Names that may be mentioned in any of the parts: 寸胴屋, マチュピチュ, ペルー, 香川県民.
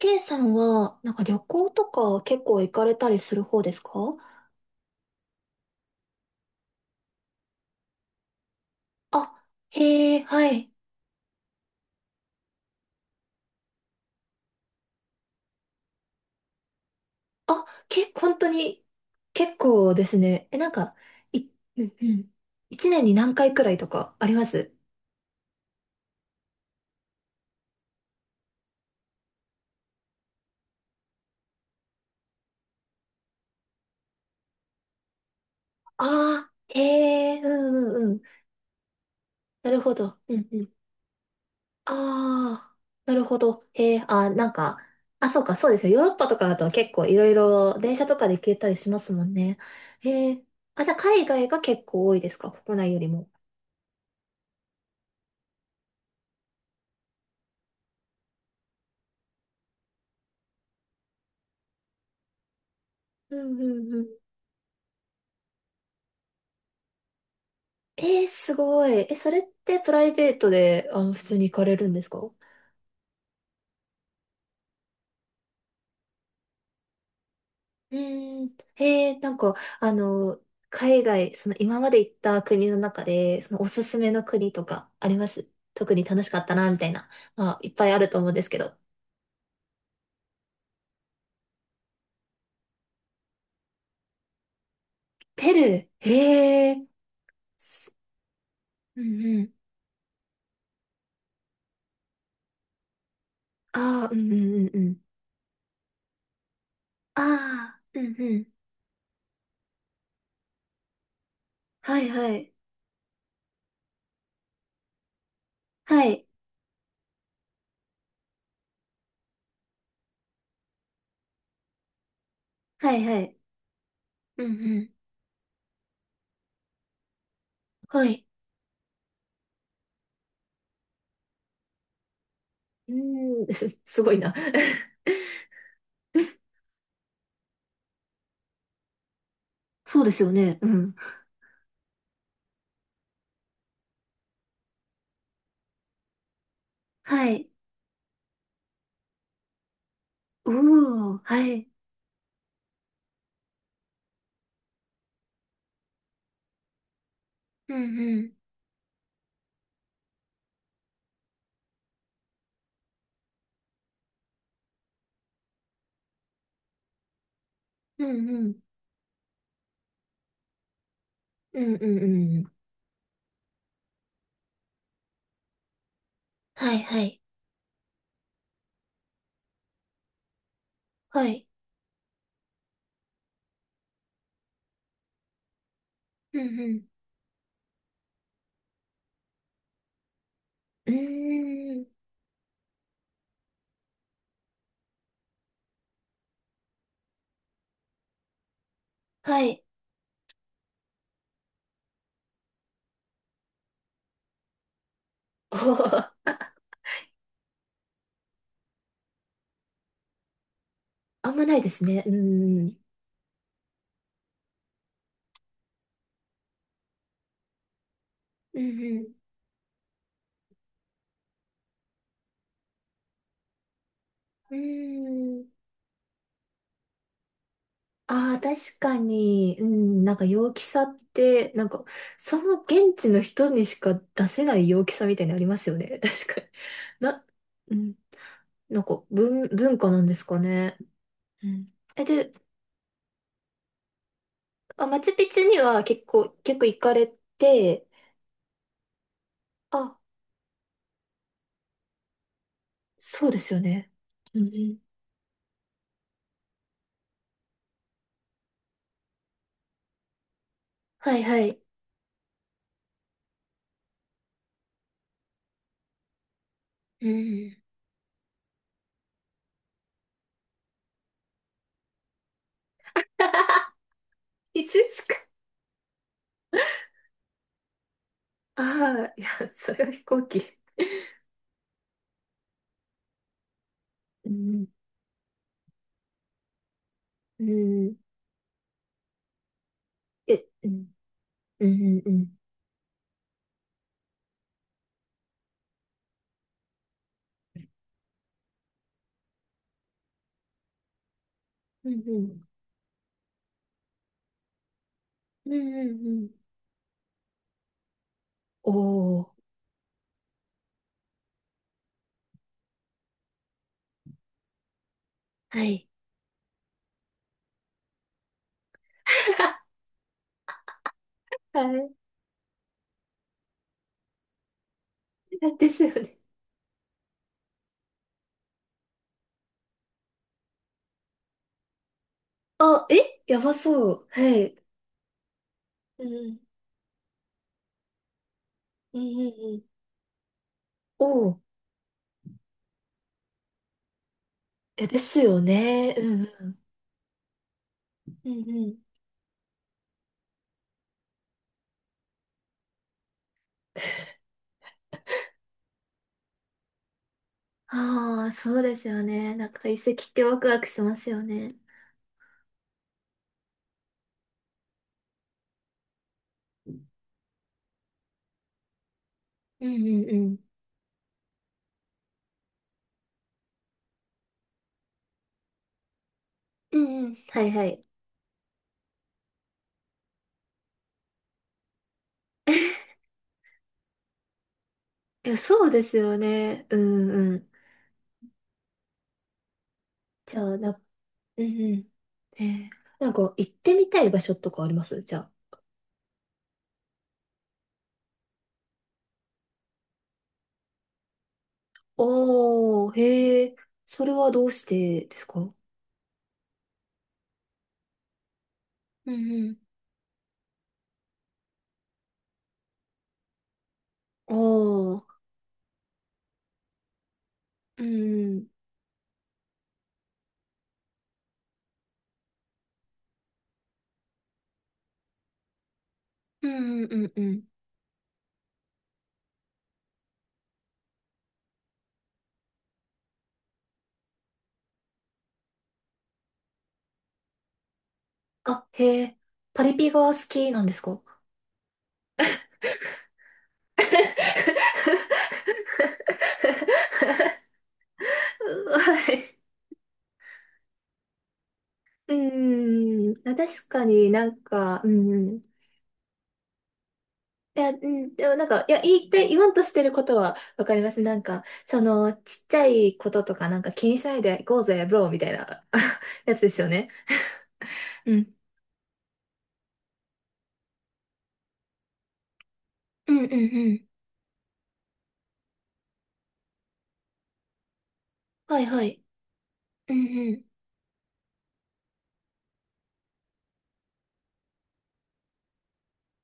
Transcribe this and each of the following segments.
K さんは、なんか旅行とか結構行かれたりする方ですか？あ、へえ、はい。あ、本当に、結構ですね。え、なんか、い、うんうん。一年に何回くらいとかあります？ああー、へえ、うんうんうん。なるほど。うんうん。ああ、なるほど。へえ、あー、なんか、あ、そうか、そうですよ。ヨーロッパとかだと結構いろいろ電車とかで行けたりしますもんね。へえ、あ、じゃあ海外が結構多いですか、国内よりも？うんうんうん。えー、すごい。え、それってプライベートで、普通に行かれるんですか？うーん。なんか、あの、海外、その今まで行った国の中で、そのおすすめの国とかあります？特に楽しかったな、みたいな。まあ、いっぱいあると思うんですけど。ペルー。へえ。うんうん。ああ、うんうんうんうん。ああ、うんうん。はいはい。はい。はいはい。うんうん。はい。うーん、すごいな。そうですよね。うん。はい。うおー、はい。うんうん。うんうん。うんうんうん。はいはい。はい。うんうん。うーん。はい。おー、あんまないですね。うんうん。うんうん。うーん。ああ、確かに。うん。なんか陽気さって、なんか、その現地の人にしか出せない陽気さみたいなのありますよね。確かに。な、うん。なんか文化なんですかね。うん。え、で、まあ、マチュピチュには結構行かれて、あ、そうですよね。うん。はいはい。うん。移住しか。ああ、いや、それは飛行機。うん。うん。え、うん。うん。うん。うん。うん。うんうんうん。おー。はい。はい。ですよね。あ、え、やばそう。はい。うん。うん。うん。うん。おー。え、ですよね。うん。うん。うん。ああ、そうですよね。なんか遺跡ってワクワクしますよね。うんうんうん。うんうん。はいはい。いや、そうですよね。うんうん。じゃあ、うんうん。えー、なんか行ってみたい場所とかありますじゃあ？おー、へえ、それはどうしてですか？うんうん。おー、うんうん。うんうんうんうん。あ、へえ、パリピが好きなんですか？ はい。うーん、あ、確かになんか、うん。いや、うん、でもなんか、いや、言いたい、言わんとしてることはわかります。なんか、その、ちっちゃいこととかなんか気にしないで行こうぜ、ブローみたいな やつですよね。うん。うんうんうん。はいはい。うんうん。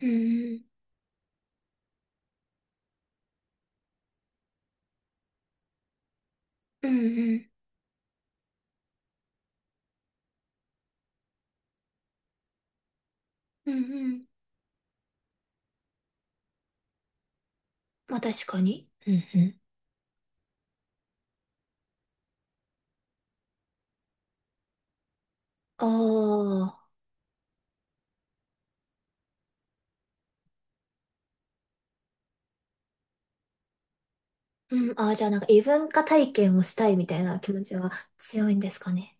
うんうん。うんうん。うんうん。まあ確かに。うんうん。ああ。うん。ああ、じゃあなんか異文化体験をしたいみたいな気持ちが強いんですかね。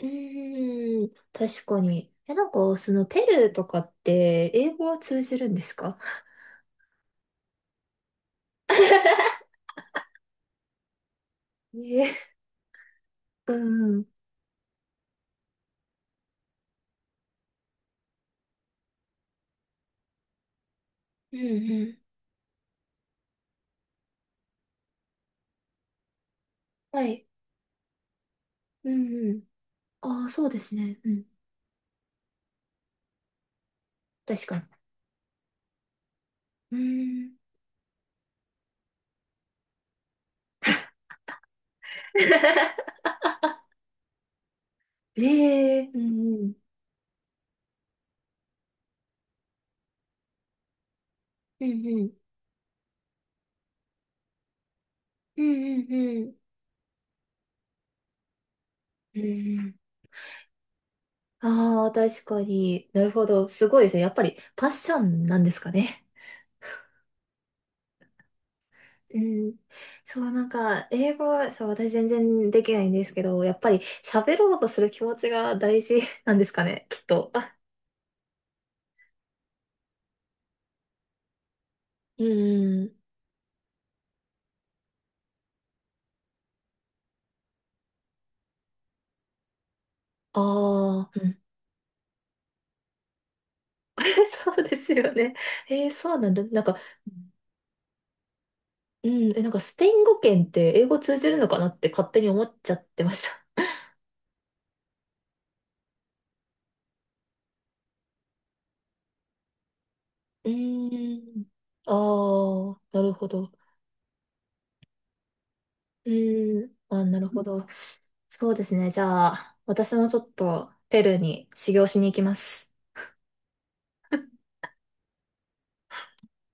うーん、確かに。え、なんか、その、ペルーとかって、英語は通じるんですか？え え、うんうん、うんうん。はい。うんうん。ああ、そうですね。うん。確かに。うーん。ええ、うんうん。うんうん。うんうんうんはいうんうん。ああー、確かに。なるほど。すごいですね。やっぱり、パッションなんですかね。うん。そう、なんか、英語は、そう、私全然できないんですけど、やっぱり喋ろうとする気持ちが大事なんですかね、きっと。あ、うん。ああ、うん。そうですよね。えーそうなんだ。なんか、うん、え、なんかスペイン語圏って英語通じるのかなって勝手に思っちゃってました。うーん。ああ、なるほど。うーん。あ、なるほど。そうですね。じゃあ、私もちょっとペルーに修行しに行きます。